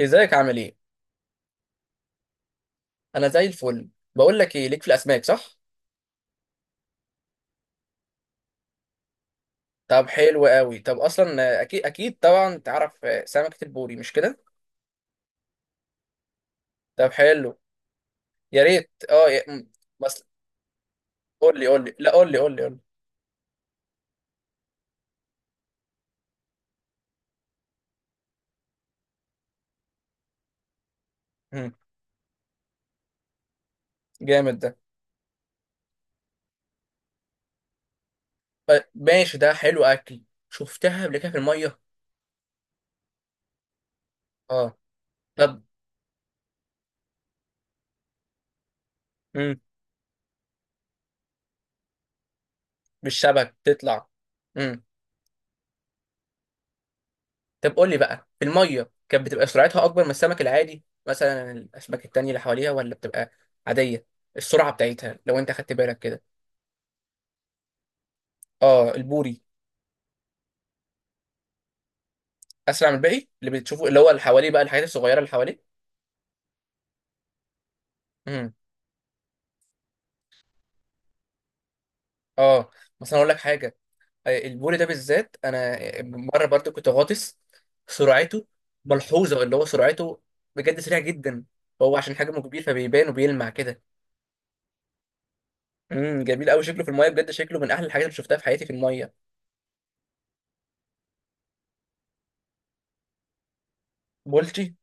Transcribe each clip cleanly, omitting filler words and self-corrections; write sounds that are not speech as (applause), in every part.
ازيك عامل ايه؟ انا زي الفل. بقول لك ايه، ليك في الاسماك، صح؟ طب حلو قوي. طب اصلا اكيد اكيد طبعا تعرف، سمكة البوري، مش كده؟ طب حلو. يا ريت. بس. قول لي قول لي، لا، قول لي قول لي قول لي. مم. جامد ده. ماشي، ده حلو اكل. شفتها قبل كده في الميه. اه. طب. مم. بالشبك تطلع. مم. طب قول لي بقى، في الميه كانت بتبقى سرعتها اكبر من السمك العادي مثلا، الاسماك التانية اللي حواليها، ولا بتبقى عادية؟ السرعة بتاعتها لو انت خدت بالك كده. اه البوري. اسرع من الباقي اللي بتشوفه، اللي هو اللي حواليه بقى، الحاجات الصغيره اللي حواليه. امم. اه. بس انا اقول لك حاجه. البوري ده بالذات، انا مره برضو كنت غاطس. سرعته ملحوظه، اللي هو سرعته بجد سريع جدا. هو عشان حجمه كبير فبيبان وبيلمع كده. امم، جميل قوي شكله في الميه، بجد شكله من احلى الحاجات اللي شفتها في حياتي في الميه. بولتي؟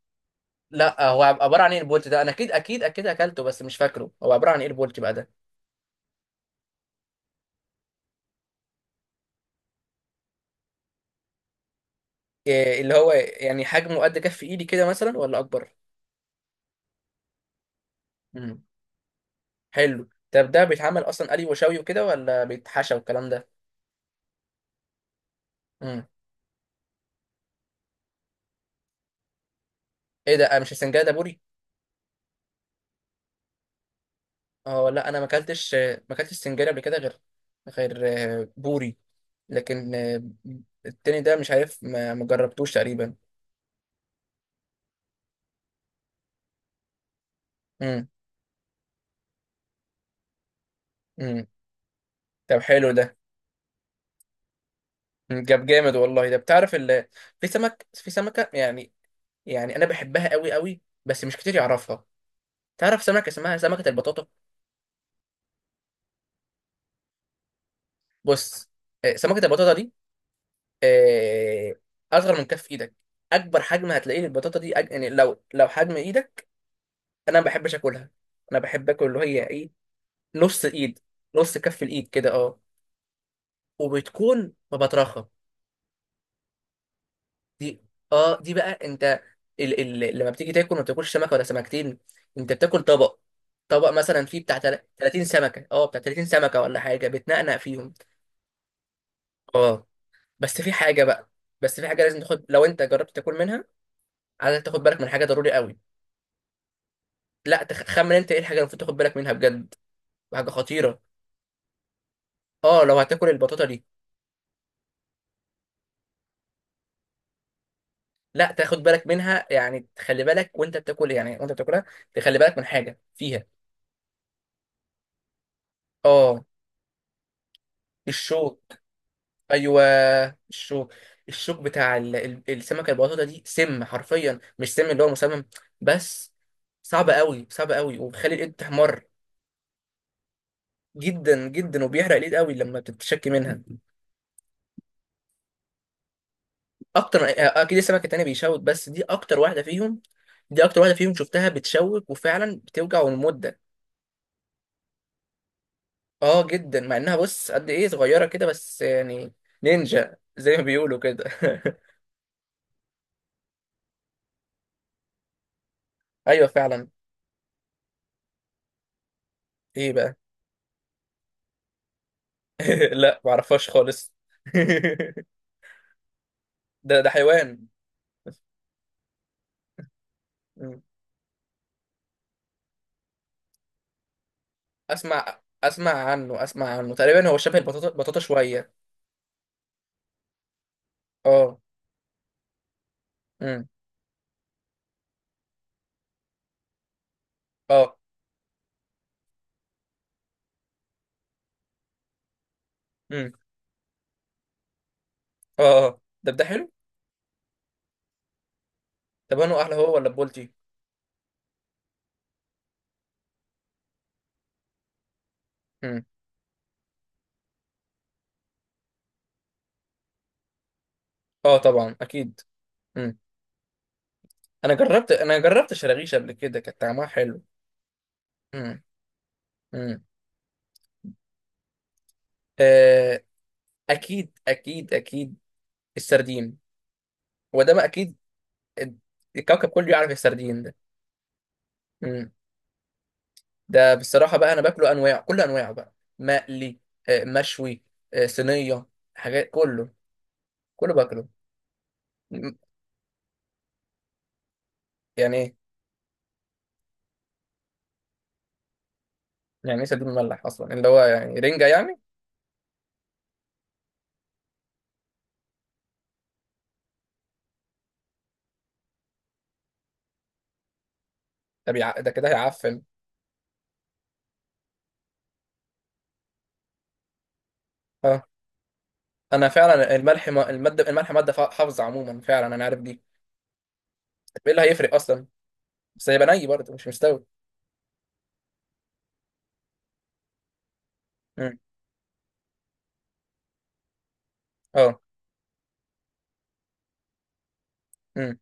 لا، هو عباره عن ايه البولتي ده؟ انا اكيد اكيد اكيد اكلته بس مش فاكره هو عباره عن ايه البولتي بقى ده. إيه اللي هو يعني، حجمه قد كف ايدي كده مثلا ولا اكبر؟ مم. حلو. طب ده بيتعمل اصلا قلي وشوي وكده، ولا بيتحشى والكلام ده؟ امم. ايه ده، مش السنجاري ده بوري؟ اه لا، انا ما اكلتش، ما اكلتش سنجاري قبل كده غير، غير، بوري. لكن التاني ده مش عارف، ما جربتوش تقريبا. امم. امم. طب حلو ده. مم، جاب جامد والله ده، بتعرف في سمك، في سمكه يعني. يعني انا بحبها قوي قوي بس مش كتير يعرفها. تعرف سمكه اسمها سمكه البطاطا؟ بص. سمكه البطاطا دي، آه، اصغر من كف ايدك. اكبر حجم هتلاقيه للبطاطا دي، يعني لو حجم ايدك. انا ما بحبش اكلها. انا بحب اكل اللي هي ايه، نص ايد، نص كف الايد كده، اه. وبتكون مبطرخه. دي، اه دي بقى انت، لما بتيجي تاكل ما بتاكلش سمكه ولا سمكتين، انت بتاكل طبق. طبق مثلا فيه بتاع 30 سمكه، اه بتاع 30 سمكه ولا حاجه، بتنقنق فيهم. اه. بس في حاجه بقى، بس في حاجه لازم تاخد لو انت جربت تاكل منها، عايز تاخد بالك من حاجه ضروري قوي. لا تخمن انت ايه الحاجه اللي المفروض تاخد بالك منها بجد، حاجه خطيره. اه لو هتاكل البطاطا دي لا، تاخد بالك منها، يعني تخلي بالك وانت بتاكل، يعني وانت بتاكلها، تخلي بالك من حاجه فيها. اه، الشوك. ايوه الشوك. الشوك بتاع السمكه البطاطا دي، سم حرفيا، مش سم اللي هو مسمم بس. صعب قوي صعب قوي وبيخلي الايد تحمر. جدا جدا، وبيحرق الايد قوي لما بتتشكي منها. اكتر، اكيد السمك التاني بيشوك، بس دي اكتر واحده فيهم، دي اكتر واحده فيهم شفتها بتشوك، وفعلا بتوجع المده. اه، جدا، مع انها بص قد ايه صغيره كده، بس يعني. نينجا زي ما بيقولوا كده (laughs) ايوه فعلا. ايه بقى؟ (laughs) لا معرفهاش خالص. (laughs) ده حيوان. مم. اسمع، اسمع عنه، اسمع عنه تقريبا، هو شبه البطاطا، بطاطا شويه. اه. امم. اه. امم. اه اه، ده حلو. طب انا احلى هو ولا بولتي؟ امم. اه طبعا اكيد. مم. انا جربت شراغيش قبل كده كانت طعمها حلو. امم. امم. آه، اكيد اكيد اكيد، السردين. وده ما اكيد، الكوكب كله يعرف السردين ده. امم. ده بصراحة بقى انا باكله انواع، كل انواعه بقى، مقلي، مشوي، صينية، حاجات، كله، كله باكله. مم، يعني ايه؟ يعني ايه سردين مملح اصلا، اللي هو يعني رنجة يعني؟ ده كده هيعفن؟ اه، انا فعلا الملح ما... المادة الملح مادة حافظة عموما، فعلا انا عارف دي. طب ايه اللي هيفرق اصلا؟ بس هيبقى ني برضه مش مستوي. امم. اه. امم.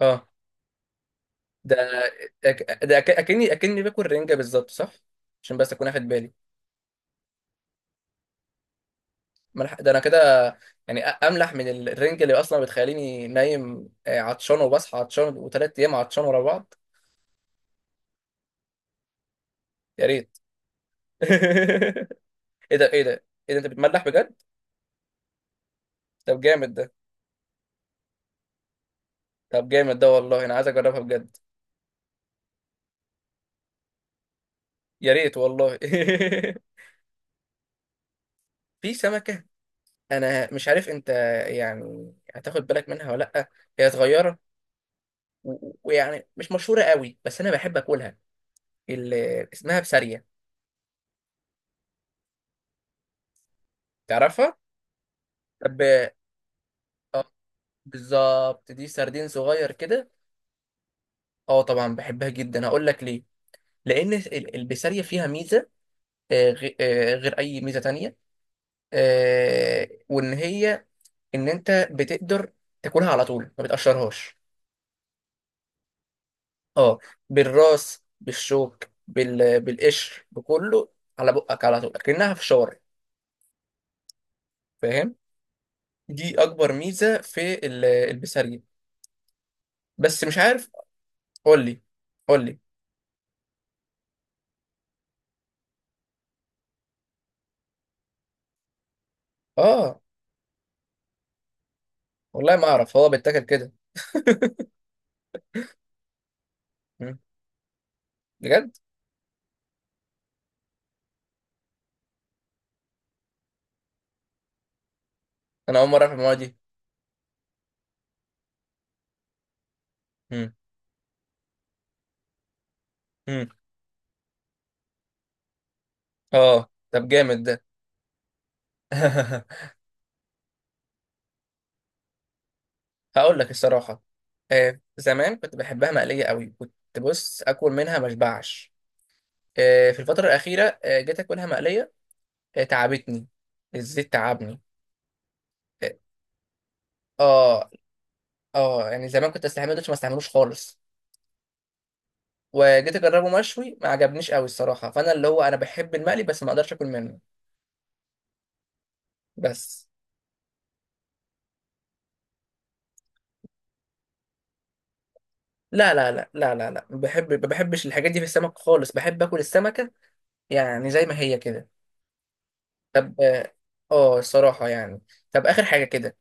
اه. ده اكني باكل رنجه بالظبط صح؟ عشان بس اكون اخد بالي. ملح ده انا كده، يعني املح من الرنجه، اللي اصلا بتخليني نايم عطشان، وبصحى عطشان، وثلاث ايام عطشان ورا بعض. يا ريت. (laughs) ايه ده، ايه ده، ايه ده انت بتملح بجد؟ طب جامد ده. طب جامد ده والله انا عايز اجربها بجد. يا ريت والله. (laughs) في سمكه، انا مش عارف انت يعني هتاخد بالك منها ولا لا، هي صغيره ويعني مش مشهورة قوي، بس أنا بحب أكلها، اللي اسمها بسارية، تعرفها؟ طب بالظبط، دي سردين صغير كده. اه طبعا بحبها جدا، هقول لك ليه. لأن البسارية فيها ميزة، غير أي ميزة تانية، وإن هي، إن أنت بتقدر تاكلها على طول، ما بتقشرهاش. اه، بالراس، بالشوك، بالقشر، بكله، على بقك، على طول، كأنها فشار، فاهم؟ دي اكبر ميزه في البسارية، بس مش عارف. قول لي، قول لي. اه والله ما اعرف هو بيتاكل كده. مم. بجد. انا اول مره اعرف المواد دي. مم. مم. اه طب جامد ده. (laughs) هقول لك الصراحه. آه زمان كنت بحبها مقليه قوي، كنت بص اكل منها ما اشبعش. آه في الفتره الاخيره، آه جيت اكلها مقليه، آه تعبتني، الزيت تعبني. اه اه، يعني زمان كنت استحمله، دلوقتي ما استحملوش خالص. وجيت اجربه مشوي، ما عجبنيش قوي الصراحه، فانا اللي هو انا بحب المقلي، بس ما اقدرش اكل منه. بس. لا لا لا لا لا لا، بحب، ما بحبش الحاجات دي في السمك خالص، بحب اكل السمكة يعني زي ما هي كده. طب اه، الصراحة يعني، طب اخر حاجة كده،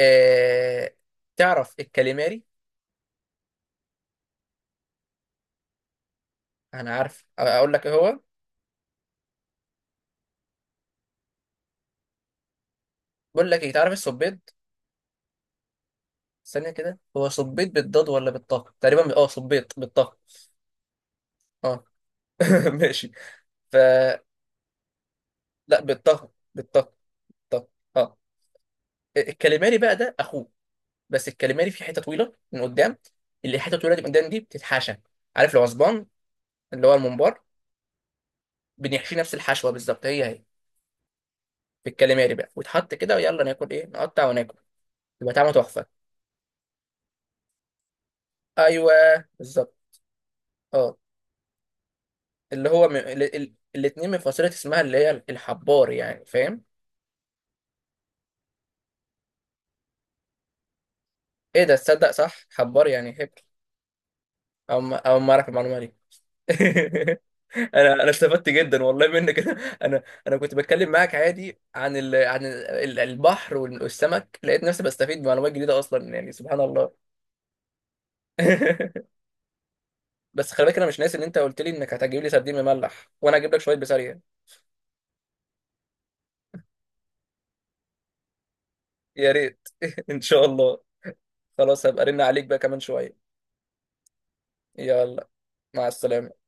آه... تعرف الكاليماري؟ انا عارف، اقول لك ايه هو. بقول لك ايه، تعرف الصبيط؟ ثانية كده، هو صبيط بالضاد ولا بالطه؟ تقريبا اه صبيط بالطه. اه. (laughs) ماشي. ف لا، بالطه بالطه. طه. اه. الكاليماري بقى ده اخوه، بس الكاليماري في حته طويله من قدام، اللي حته طويله دي من قدام دي بتتحشى. عارف العصبان اللي هو الممبار؟ بنحشيه نفس الحشوه بالظبط، هي هي. في الكاليماري بقى، ويتحط كده، ويلا ناكل ايه، نقطع وناكل، يبقى طعمه تحفه. ايوه بالظبط. اه. اللي هو الاتنين من فصيله اسمها، اللي هي الحبار، يعني فاهم؟ ايه ده، تصدق صح، حبار يعني هبل. او ما... او ما اعرف المعلومه دي. (laughs) انا استفدت جدا والله منك. (laughs) انا كنت بتكلم معاك عادي عن عن البحر والسمك، لقيت نفسي بستفيد بمعلومات جديده اصلا، يعني سبحان الله. (laughs) بس خلي بالك، انا مش ناسي ان انت قلت لي انك هتجيب لي سردين مملح، وانا هجيب لك شويه بسارية. يا ريت. (laughs) ان شاء الله. خلاص هبقى ارن عليك بقى كمان شويه. يلا، مع السلامه.